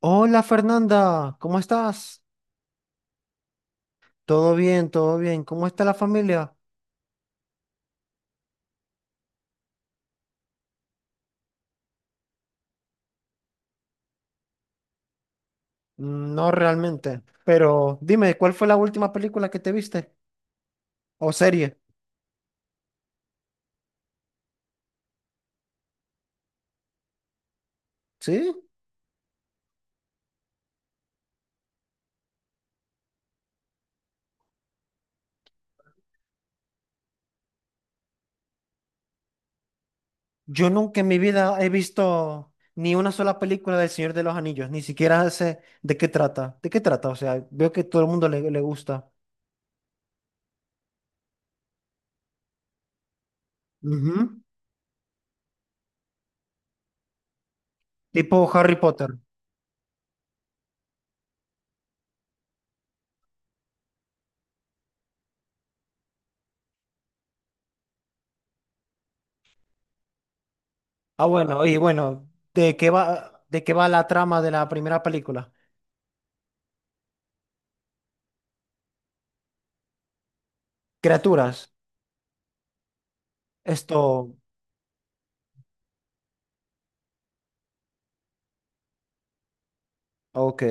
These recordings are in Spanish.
Hola Fernanda, ¿cómo estás? Todo bien, todo bien. ¿Cómo está la familia? Mm, no realmente. Pero dime, ¿cuál fue la última película que te viste? ¿O serie? ¿Sí? Yo nunca en mi vida he visto ni una sola película del Señor de los Anillos, ni siquiera sé de qué trata. ¿De qué trata? O sea, veo que todo el mundo le gusta. Ujú. Tipo Harry Potter. Ah, bueno, y bueno, ¿de qué va la trama de la primera película? Criaturas. Esto, Ok.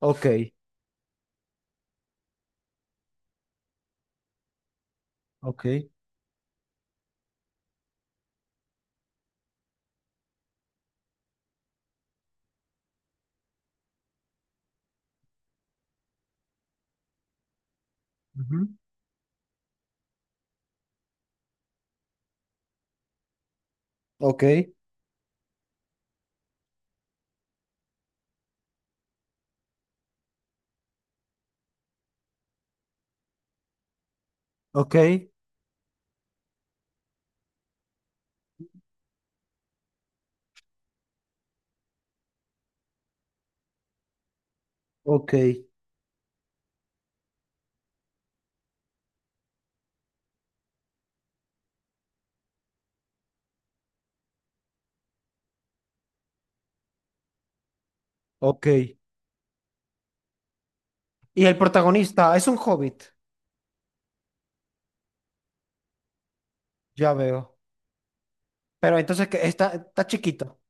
Ok. Ok. Ujú. Ok, ok, ok. Ok. Y el protagonista es un hobbit, ya veo. Pero entonces que está chiquito.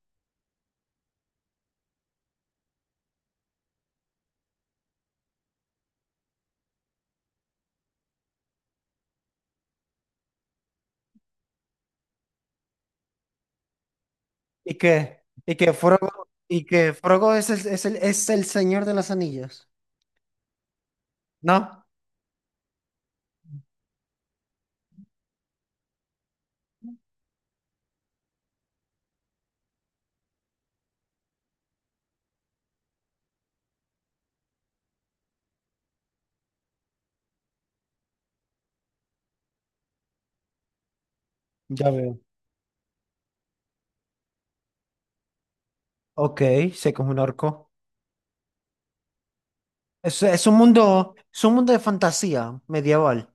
Y que Frogo es el señor de las anillas, ¿no? Ya veo. Ok, sé como un orco. Es un mundo de fantasía medieval.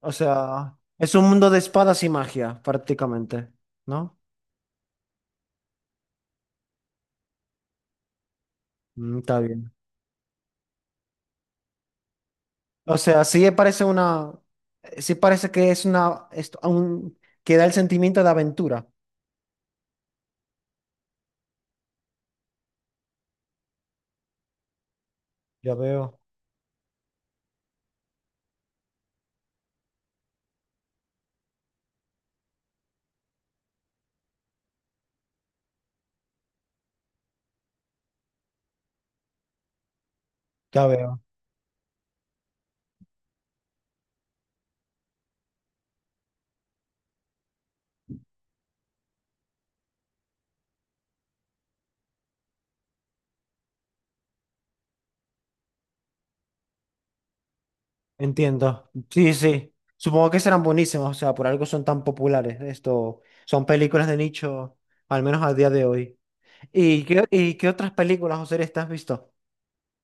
O sea, es un mundo de espadas y magia, prácticamente. ¿No? Mm, está bien. O sea, sí parece que es una, que da el sentimiento de aventura. Ya veo, ya veo. Entiendo. Sí, sí. Supongo que serán buenísimas, o sea, por algo son tan populares. Esto, son películas de nicho, al menos al día de hoy. ¿Y qué otras películas o series te has visto?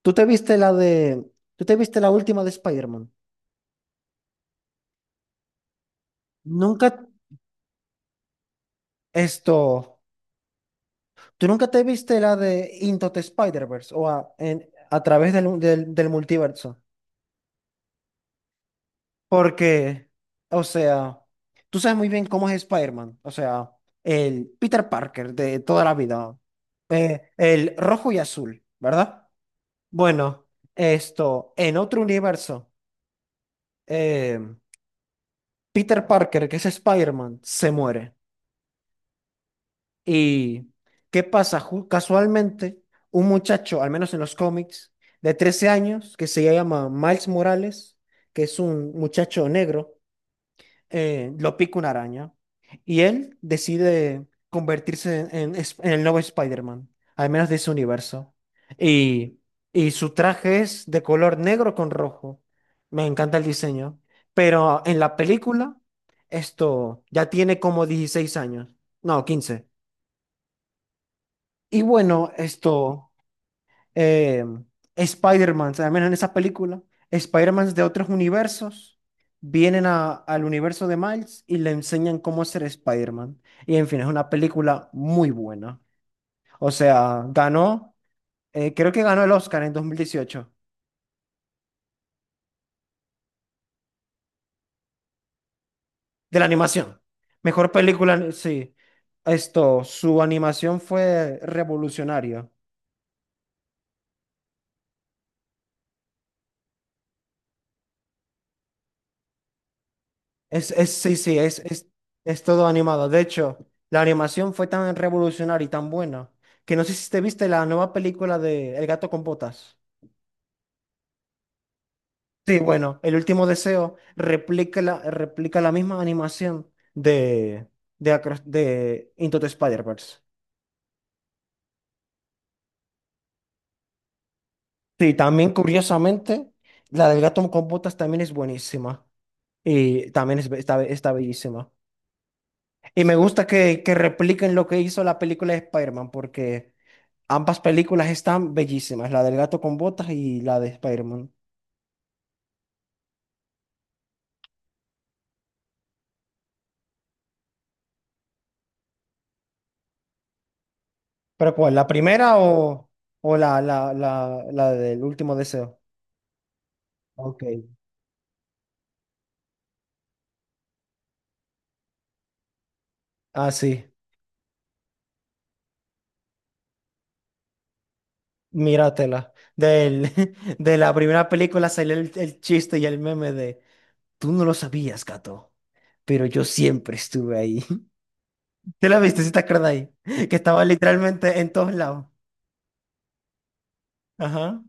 ¿Tú te viste la de, tú te viste la última de Spider-Man? Nunca, esto, ¿tú nunca te viste la de Into the Spider-Verse o a través del multiverso? Porque, o sea, tú sabes muy bien cómo es Spider-Man, o sea, el Peter Parker de toda la vida, el rojo y azul, ¿verdad? Bueno, esto, en otro universo, eh, Peter Parker, que es Spider-Man, se muere. ¿Y qué pasa? Casualmente, un muchacho, al menos en los cómics, de 13 años, que se llama Miles Morales, que es un muchacho negro, lo pica una araña y él decide convertirse en el nuevo Spider-Man, al menos de ese universo. Y, y su traje es de color negro con rojo. Me encanta el diseño. Pero en la película, esto ya tiene como 16 años, no, 15. Y bueno, esto, eh, Spider-Man, al menos en esa película, Spider-Man de otros universos vienen al universo de Miles y le enseñan cómo ser Spider-Man. Y en fin, es una película muy buena. O sea, creo que ganó el Oscar en 2018 de la animación. Mejor película, sí. Esto, su animación fue revolucionaria. Sí, sí, es todo animado. De hecho, la animación fue tan revolucionaria y tan buena que no sé si te viste la nueva película de El gato con botas. Sí, bueno, El último deseo replica la misma animación de Into the Spider-Verse. Sí, también curiosamente, la del gato con botas también es buenísima y también está bellísima. Y me gusta que repliquen lo que hizo la película de Spider-Man porque. Ambas películas están bellísimas, la del gato con botas y la de Spider-Man. ¿Pero cuál? ¿La primera o, o la del último deseo? Ok. Ah, sí, míratela. Del, de la primera película salió el chiste y el meme de: "Tú no lo sabías, gato, pero yo siempre estuve ahí". ¿Te la viste? ¿Sí te acuerdas ahí? Que estaba literalmente en todos lados. Ajá.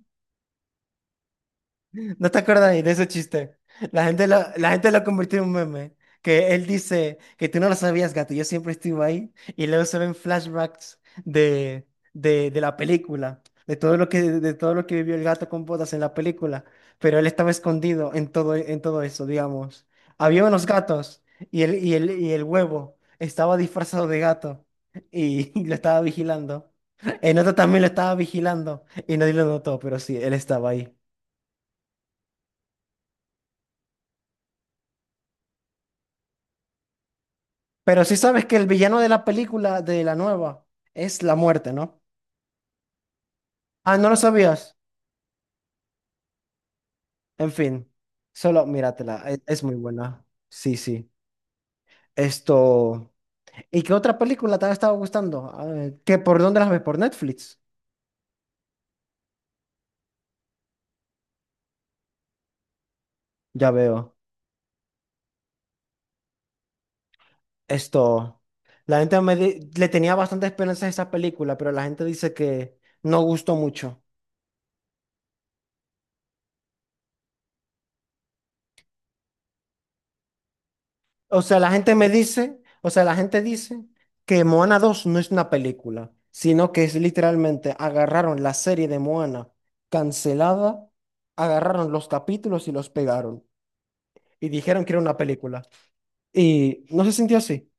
¿No te acuerdas de ese chiste? La gente lo convirtió en un meme. Que él dice que tú no lo sabías, gato, yo siempre estuve ahí. Y luego se ven flashbacks de la película, de todo lo que vivió el gato con botas en la película. Pero él estaba escondido en todo eso, digamos. Había unos gatos y el huevo estaba disfrazado de gato y, y lo estaba vigilando. El otro también lo estaba vigilando y nadie lo notó, pero sí, él estaba ahí. Pero sí sabes que el villano de la película, de la nueva, es la muerte, ¿no? Ah, ¿no lo sabías? En fin, solo míratela, es muy buena. Sí, sí. Esto. ¿Y qué otra película te ha estado gustando? Ah, por dónde las ves? ¿Por Netflix? Ya veo. Esto. La gente me di- Le tenía bastante esperanza a esa película, pero la gente dice que no gustó mucho. O sea, la gente me dice, o sea, la gente dice que Moana 2 no es una película, sino que es literalmente agarraron la serie de Moana cancelada, agarraron los capítulos y los pegaron y dijeron que era una película. Y no se sintió así.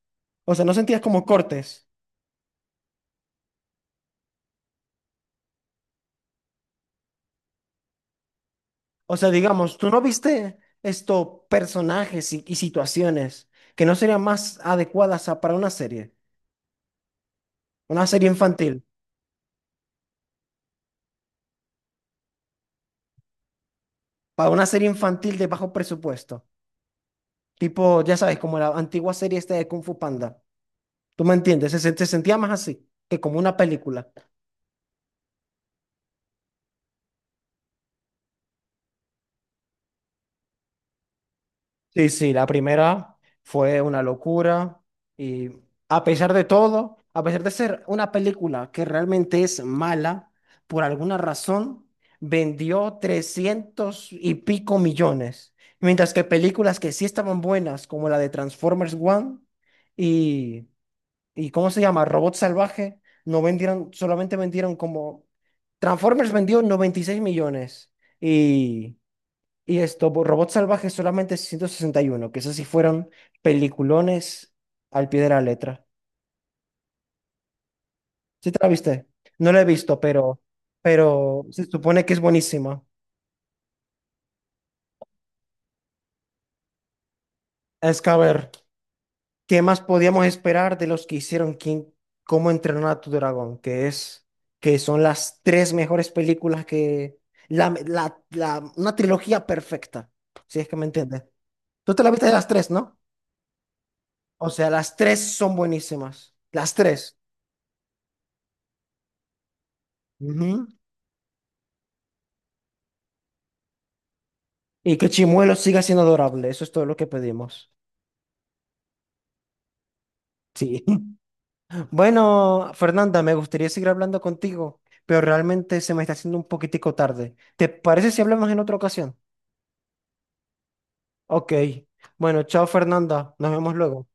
O sea, no sentías como cortes. O sea, digamos, tú no viste estos personajes y situaciones que no serían más adecuadas para una serie infantil, para una serie infantil de bajo presupuesto. Tipo, ya sabes, como la antigua serie esta de Kung Fu Panda. ¿Tú me entiendes? Se sentía más así que como una película. Sí, sí, la primera fue una locura y a pesar de todo, a pesar de ser una película que realmente es mala, por alguna razón vendió 300 y pico millones, mientras que películas que sí estaban buenas, como la de Transformers One. Y ¿Y ¿cómo se llama? Robot Salvaje. No vendieron, solamente vendieron como. Transformers vendió 96 millones y, y Robot Salvaje solamente 161, que esas sí fueron peliculones al pie de la letra. ¿Sí te la viste? No la he visto, pero se supone que es buenísima. Es que a ver. ¿Qué más podíamos esperar de los que hicieron Cómo entrenar a tu dragón? Que son las tres mejores películas, que, la- una trilogía perfecta, si es que me entiendes. Tú te la viste de las tres, ¿no? O sea, las tres son buenísimas, las tres. Ujú. Y que Chimuelo siga siendo adorable, eso es todo lo que pedimos. Sí. Bueno, Fernanda, me gustaría seguir hablando contigo, pero realmente se me está haciendo un poquitico tarde. ¿Te parece si hablamos en otra ocasión? Ok. Bueno, chao Fernanda. Nos vemos luego.